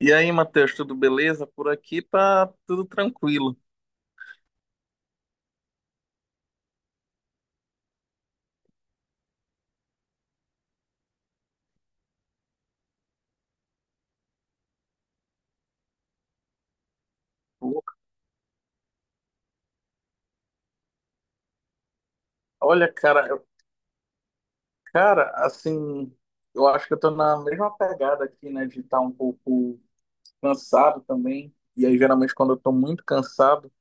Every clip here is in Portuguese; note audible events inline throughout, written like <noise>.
E aí, Matheus, tudo beleza? Por aqui tá tudo tranquilo. Olha, cara, cara, assim, eu acho que eu tô na mesma pegada aqui, né, de estar um pouco cansado também. E aí, geralmente, quando eu tô muito cansado,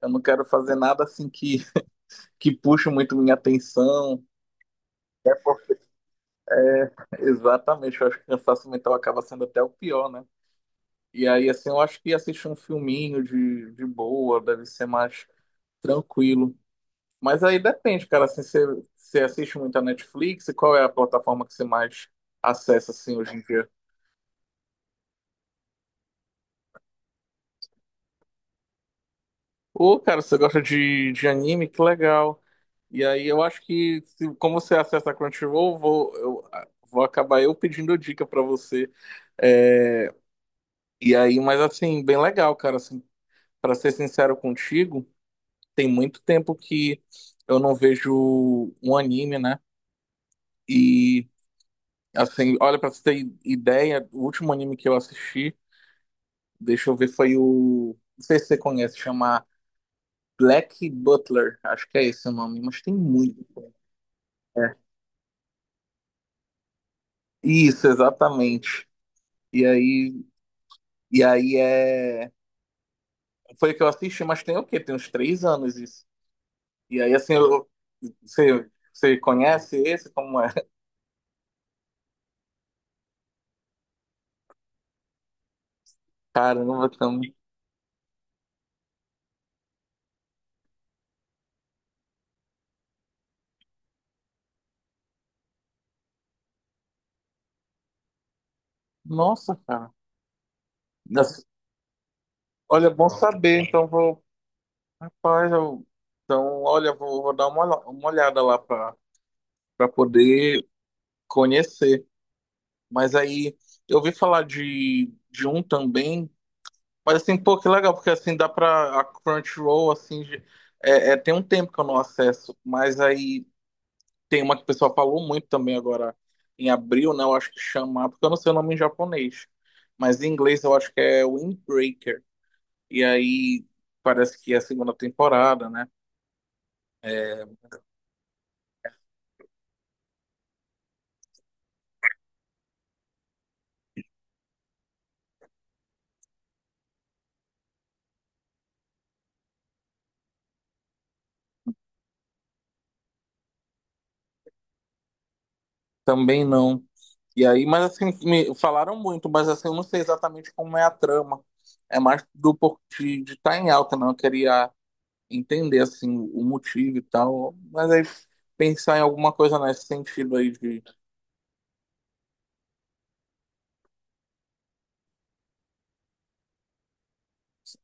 eu não quero fazer nada assim que puxe muito minha atenção. É porque... <laughs> Exatamente, eu acho que o cansaço mental acaba sendo até o pior, né? E aí, assim, eu acho que assistir um filminho de boa deve ser mais tranquilo. Mas aí depende, cara, assim, você assiste muito a Netflix e qual é a plataforma que você mais acessa, assim, hoje em dia? Ô, cara, você gosta de anime? Que legal. E aí eu acho que, como você acessa a Crunchyroll, vou acabar eu pedindo dica pra você. É, e aí, mas assim, bem legal, cara, assim, para ser sincero contigo, tem muito tempo que eu não vejo um anime, né? E, assim, olha, pra você ter ideia, o último anime que eu assisti, deixa eu ver, foi o. Não sei se você conhece, chama Black Butler, acho que é esse o nome, mas tem muito. É. Isso, exatamente. E aí, e aí, é. Foi o que eu assisti, mas tem o quê? Tem uns 3 anos isso. E aí, assim, você conhece esse? Como é? <laughs> Caramba, também. Nossa, cara. Nossa, olha, bom saber. Então, vou. Rapaz, eu... Então, olha, vou dar uma olhada lá para poder conhecer. Mas aí eu ouvi falar de um também, mas assim, pô, que legal, porque assim dá pra. A Crunchyroll, assim, é, tem um tempo que eu não acesso, mas aí tem uma que o pessoal falou muito também agora em abril, né? Eu acho que chama, porque eu não sei o nome em japonês, mas em inglês eu acho que é Windbreaker. E aí parece que é a segunda temporada, né? Também não. E aí, mas assim, me falaram muito, mas assim, eu não sei exatamente como é a trama. É mais de estar em alta, não. Eu queria entender, assim, o motivo e tal. Mas aí, pensar em alguma coisa nesse sentido aí de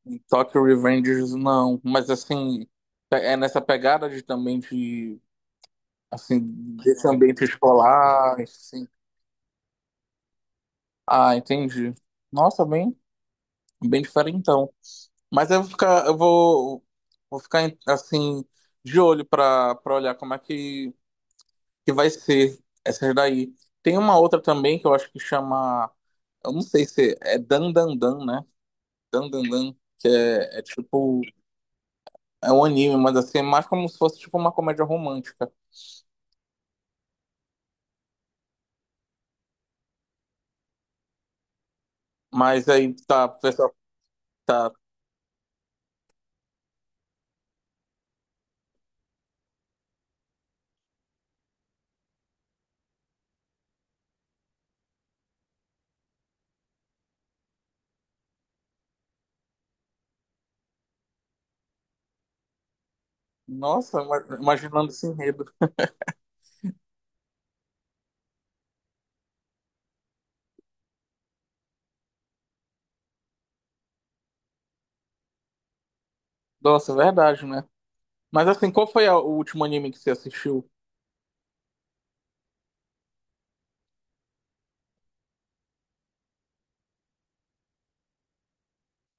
em Tokyo Revengers, não. Mas assim, é nessa pegada de também de, assim, desse ambiente escolar, assim. Ah, entendi. Nossa, bem, bem diferentão. Mas eu vou ficar, eu vou, vou ficar assim de olho para olhar como é que vai ser essa daí. Tem uma outra também que eu acho que chama, eu não sei se é Dan Dan Dan, né? Dan Dan Dan, que é, tipo é um anime, mas assim é mais como se fosse tipo uma comédia romântica. Mas aí tá, o pessoal tá, nossa, imaginando esse enredo. Nossa, é verdade, né? Mas assim, qual foi o último anime que você assistiu?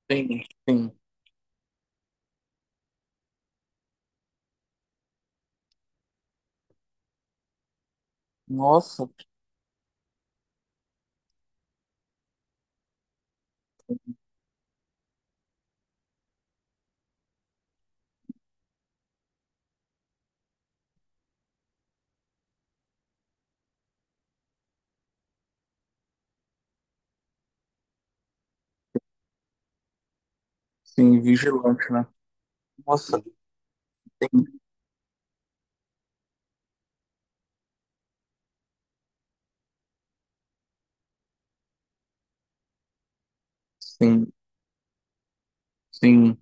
Tem, tem. Nossa. Sim, vigilante, né? Nossa, sim, sim, sim,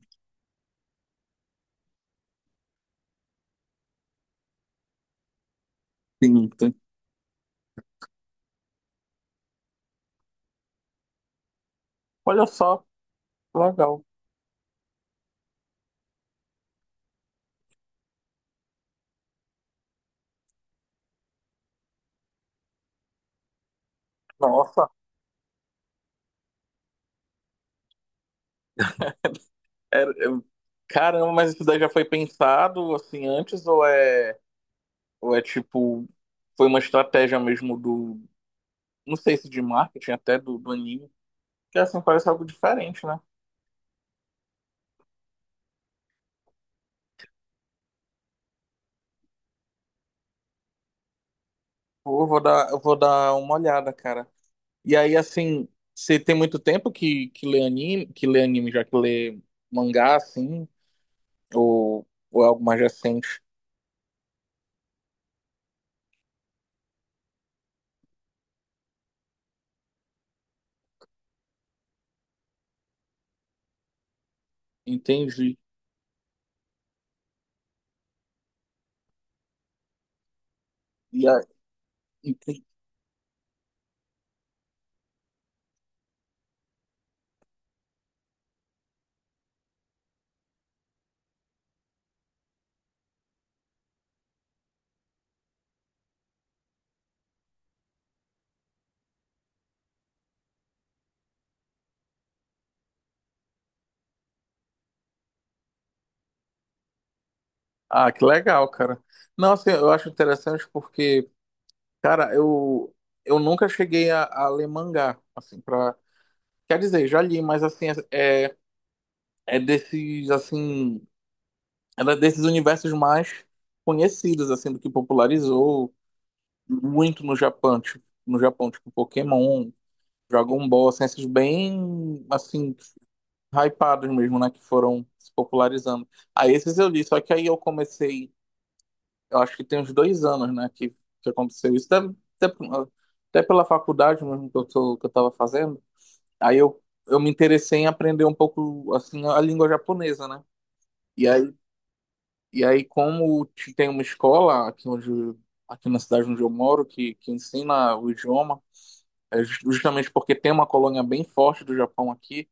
sim. Sim. Olha só, legal. Nossa, era- eu- caramba, mas isso daí já foi pensado assim antes ou é, tipo, foi uma estratégia mesmo do, não sei se de marketing até do anime, que assim parece algo diferente, né? Pô, eu vou dar uma olhada, cara. E aí, assim, você tem muito tempo que lê anime, já que lê mangá, assim, ou, ou é algo mais recente? Entendi. E a- ente- Ah, que legal, cara. Não, assim, eu acho interessante porque, cara, eu nunca cheguei a ler mangá, assim, pra... Quer dizer, já li, mas, assim, é desses, assim, era desses universos mais conhecidos, assim, do que popularizou muito no Japão, tipo Pokémon, Dragon Ball, assim, esses bem, assim, hypados mesmo, né, que foram se popularizando. Aí esses eu li, só que aí eu comecei eu acho que tem uns 2 anos, né, que aconteceu isso. Até, até pela faculdade mesmo que eu tava fazendo. Aí eu me interessei em aprender um pouco, assim, a língua japonesa, né? E aí, e aí, como tem uma escola aqui aqui na cidade onde eu moro que ensina o idioma, é justamente porque tem uma colônia bem forte do Japão aqui,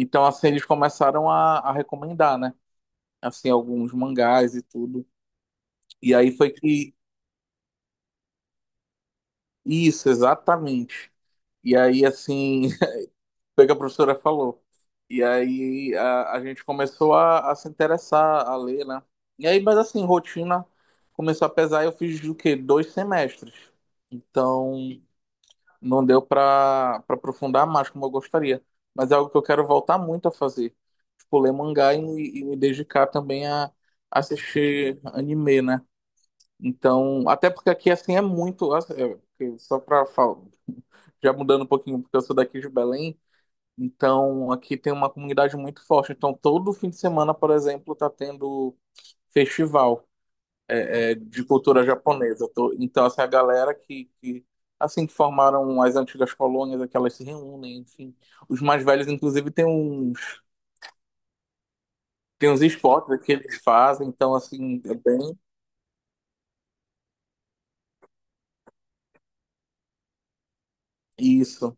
então, assim, eles começaram a recomendar, né? Assim, alguns mangás e tudo. E aí foi que Isso, exatamente. E aí, assim, <laughs> foi o que a professora falou. E aí a gente começou a se interessar, a ler, né? E aí, mas assim, rotina começou a pesar. Eu fiz o quê? 2 semestres. Então, não deu para aprofundar mais como eu gostaria. Mas é algo que eu quero voltar muito a fazer. Tipo, ler mangá e, e me dedicar também a, assistir anime, né? Então, até porque aqui, assim, é muito. Assim, é, só para já mudando um pouquinho, porque eu sou daqui de Belém, então aqui tem uma comunidade muito forte. Então todo fim de semana, por exemplo, tá tendo festival é, de cultura japonesa. Então essa é a galera que assim que formaram as antigas colônias, é que elas se reúnem, enfim. Os mais velhos, inclusive, tem uns esportes que eles fazem, então assim é bem isso.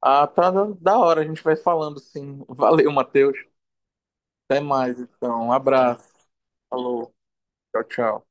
Ah, tá da hora, a gente vai falando, sim. Valeu, Matheus. Até mais, então. Um abraço. Falou. Tchau, tchau.